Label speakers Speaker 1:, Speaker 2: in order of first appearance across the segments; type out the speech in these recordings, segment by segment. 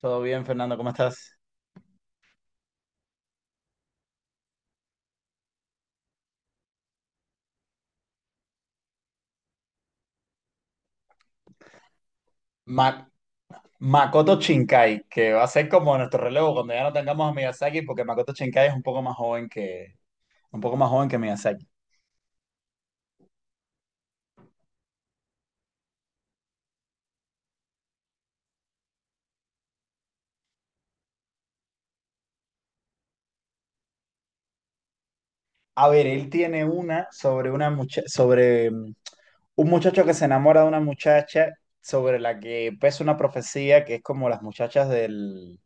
Speaker 1: Todo bien, Fernando, ¿cómo estás? Ma- Makoto Shinkai, que va a ser como nuestro relevo cuando ya no tengamos a Miyazaki, porque Makoto Shinkai es un poco más joven un poco más joven que Miyazaki. A ver, él tiene una sobre un muchacho que se enamora de una muchacha sobre la que pesa una profecía que es como las muchachas del.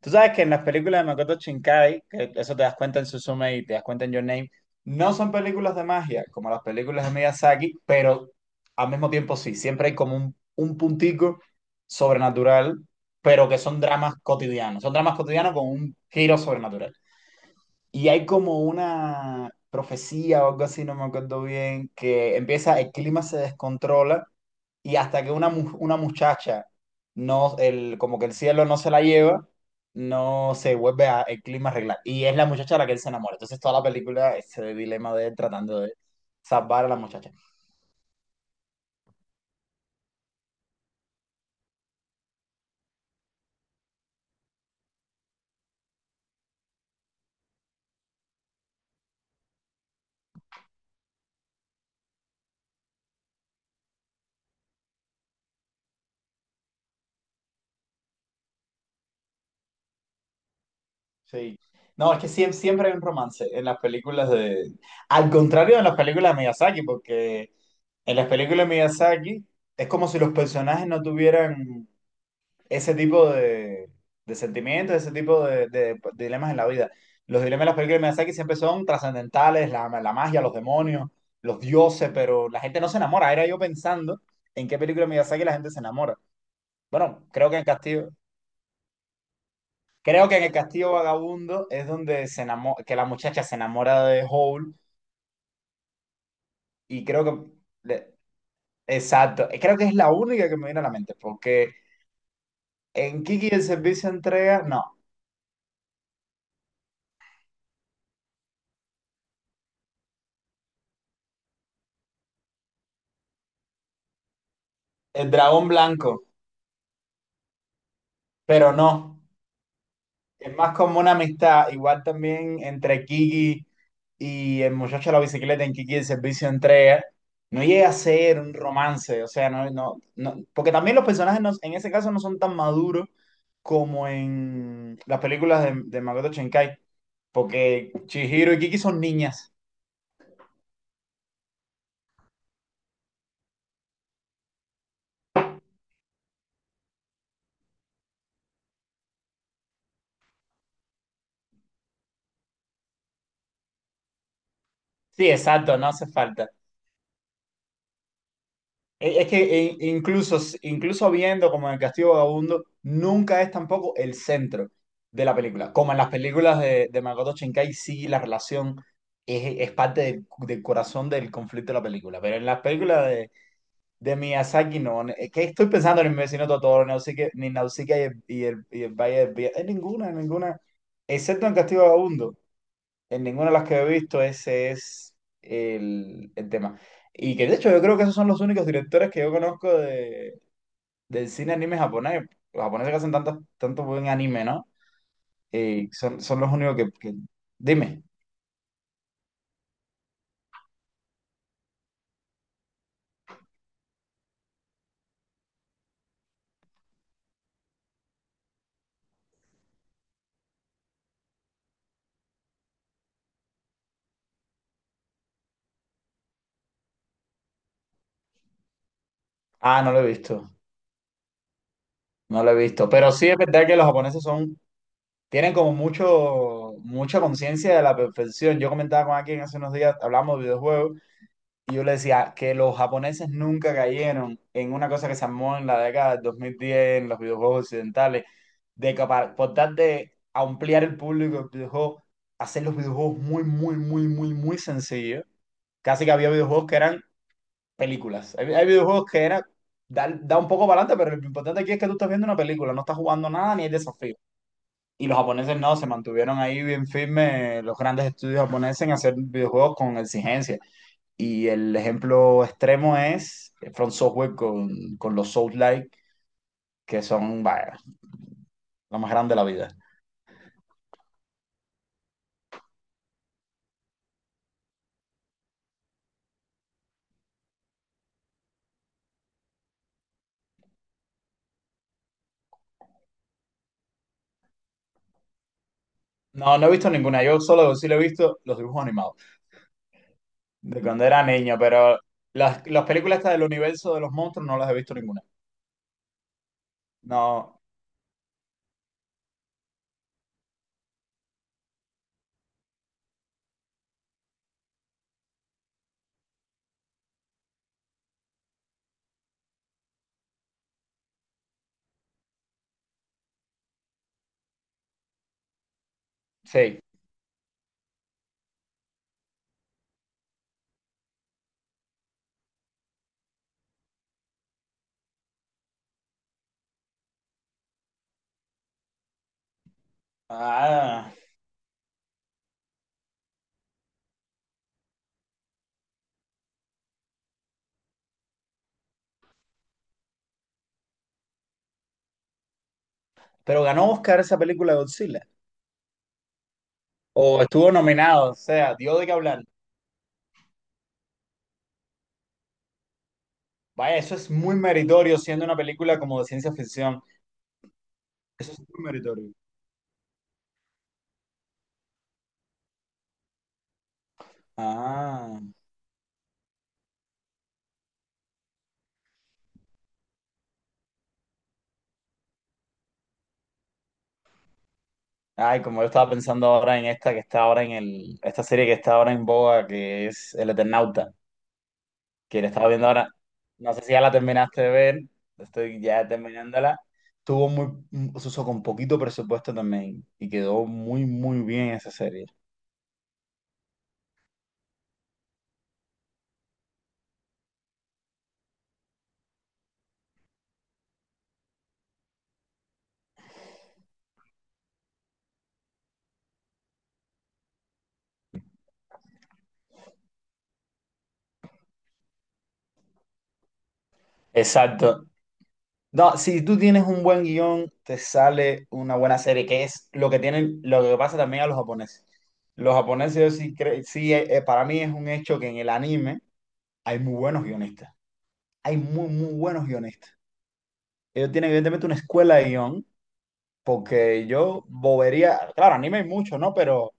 Speaker 1: Tú sabes que en las películas de Makoto Shinkai, que eso te das cuenta en Suzume y te das cuenta en Your Name, no son películas de magia como las películas de Miyazaki, pero al mismo tiempo sí, siempre hay como un puntico sobrenatural, pero que son dramas cotidianos con un giro sobrenatural. Y hay como una profecía o algo así, no me acuerdo bien, que empieza, el clima se descontrola y hasta que una muchacha, no, el, como que el cielo no se la lleva, no se vuelve a, el clima a arreglar. Y es la muchacha a la que él se enamora. Entonces toda la película es el dilema de él tratando de salvar a la muchacha. Sí. No, es que siempre, siempre hay un romance en las películas de... Al contrario de las películas de Miyazaki, porque en las películas de Miyazaki es como si los personajes no tuvieran ese tipo de sentimientos, ese tipo de, de dilemas en la vida. Los dilemas de las películas de Miyazaki siempre son trascendentales, la magia, los demonios, los dioses, pero la gente no se enamora. Era yo pensando en qué película de Miyazaki la gente se enamora. Bueno, creo que en Castillo, creo que en el Castillo Vagabundo es donde que la muchacha se enamora de Hole, y creo que, le- exacto, creo que es la única que me viene a la mente, porque en Kiki el servicio de entrega, no, el dragón blanco, pero no. Es más como una amistad, igual también entre Kiki y el muchacho de la bicicleta en Kiki, el servicio de entrega, no llega a ser un romance, o sea, no, no, no, porque también los personajes en ese caso no son tan maduros como en las películas de Makoto Shinkai, porque Chihiro y Kiki son niñas. Sí, exacto, no hace falta. Es que incluso, incluso viendo como en el Castillo Vagabundo, nunca es tampoco el centro de la película. Como en las películas de Makoto Shinkai, sí, la relación es parte del, del corazón del conflicto de la película. Pero en las películas de Miyazaki, no. Es que estoy pensando en el vecino Totoro, ni Nausicaa y el, y el, y el Valle del Viento. En ninguna, en ninguna. Excepto en Castillo Vagabundo. En ninguna de las que he visto ese es el tema. Y que de hecho yo creo que esos son los únicos directores que yo conozco de, del cine anime japonés. Los japoneses que hacen tanto, tanto buen anime, ¿no? Y son, son los únicos Dime. Ah, no lo he visto. No lo he visto. Pero sí es verdad que los japoneses son... Tienen como mucho, mucha conciencia de la perfección. Yo comentaba con alguien hace unos días, hablamos de videojuegos. Y yo le decía que los japoneses nunca cayeron en una cosa que se armó en la década del 2010 en los videojuegos occidentales, de que por tal de ampliar el público del videojuego, hacer los videojuegos muy, muy, muy, muy, muy sencillos. Casi que había videojuegos que eran películas. Hay videojuegos que era, da, da un poco para adelante, pero lo importante aquí es que tú estás viendo una película, no estás jugando nada ni hay desafío. Y los japoneses no, se mantuvieron ahí bien firmes, los grandes estudios japoneses en hacer videojuegos con exigencia. Y el ejemplo extremo es Front Software con los Souls-like, que son, vaya, lo más grande de la vida. No, no he visto ninguna. Yo solo sí lo he visto los dibujos animados, de cuando era niño, pero las películas estas del universo de los monstruos no las he visto ninguna. No, sí. Ah, pero ganó Oscar esa película de Godzilla. O estuvo nominado, o sea, dio de qué hablar. Vaya, eso es muy meritorio siendo una película como de ciencia ficción. Eso es muy meritorio. Ah, ay, como yo estaba pensando ahora en esta que está ahora en el, esta serie que está ahora en boga, que es El Eternauta, que la estaba viendo ahora. No sé si ya la terminaste de ver, estoy ya terminándola. Tuvo muy, se usó con poquito presupuesto también y quedó muy, muy bien esa serie. Exacto. No, si tú tienes un buen guión, te sale una buena serie, que es lo que tienen, lo que pasa también a los japoneses. Los japoneses, yo sí, para mí es un hecho que en el anime hay muy buenos guionistas. Hay muy, muy buenos guionistas. Ellos tienen evidentemente una escuela de guión, porque yo bobería, claro, anime hay mucho, ¿no? Pero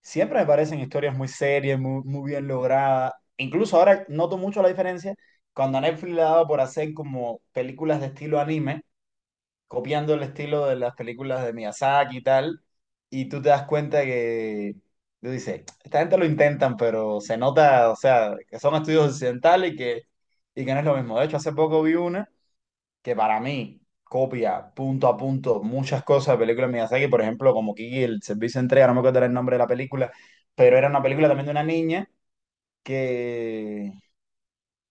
Speaker 1: siempre me parecen historias muy serias, muy, muy bien logradas. Incluso ahora noto mucho la diferencia cuando a Netflix le ha dado por hacer como películas de estilo anime, copiando el estilo de las películas de Miyazaki y tal, y tú te das cuenta que, tú dices, esta gente lo intentan, pero se nota, o sea, que son estudios occidentales y que no es lo mismo. De hecho, hace poco vi una que para mí copia punto a punto muchas cosas de películas de Miyazaki, por ejemplo, como Kiki, el servicio de entrega, no me acuerdo el nombre de la película, pero era una película también de una niña que,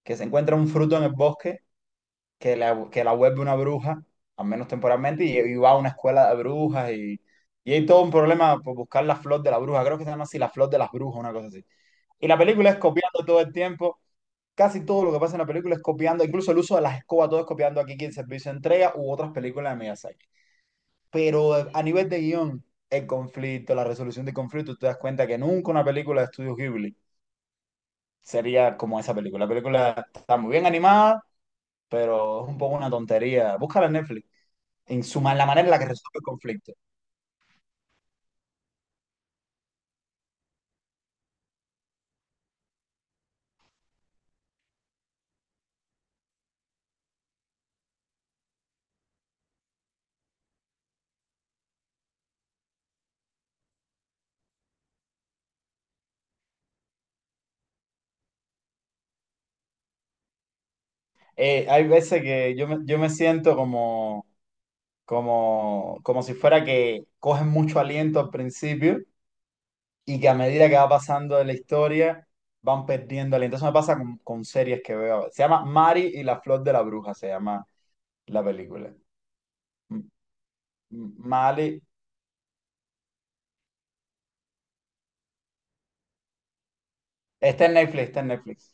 Speaker 1: que se encuentra un fruto en el bosque que que la vuelve una bruja, al menos temporalmente, y va a una escuela de brujas y hay todo un problema por buscar la flor de la bruja, creo que se llama así, la flor de las brujas, una cosa así. Y la película es copiando todo el tiempo. Casi todo lo que pasa en la película es copiando, incluso el uso de las escobas, todo es copiando aquí Kiki, el servicio de entrega u otras películas de Miyazaki. Pero a nivel de guión, el conflicto, la resolución de conflicto, tú te das cuenta que nunca una película de Estudio Ghibli sería como esa película. La película está muy bien animada, pero es un poco una tontería. Búscala en Netflix. En la manera en la que resuelve el conflicto. Hay veces que yo me siento como como si fuera que cogen mucho aliento al principio y que a medida que va pasando de la historia van perdiendo aliento. Eso me pasa con series que veo. Se llama Mari y la flor de la bruja, se llama la película. M- Mali. Está en Netflix, está en Netflix.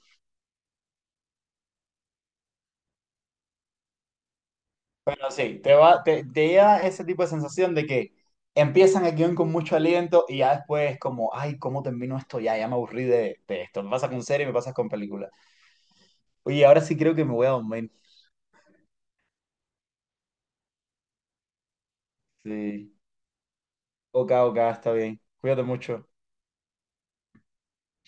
Speaker 1: Pero sí, te da ese tipo de sensación de que empiezan el guión con mucho aliento y ya después como, ay, ¿cómo termino esto? Ya, ya me aburrí de esto. Me pasa con serie, me pasa con película. Oye, ahora sí creo que me voy a dormir. Sí. Ok, ok, está bien. Cuídate mucho.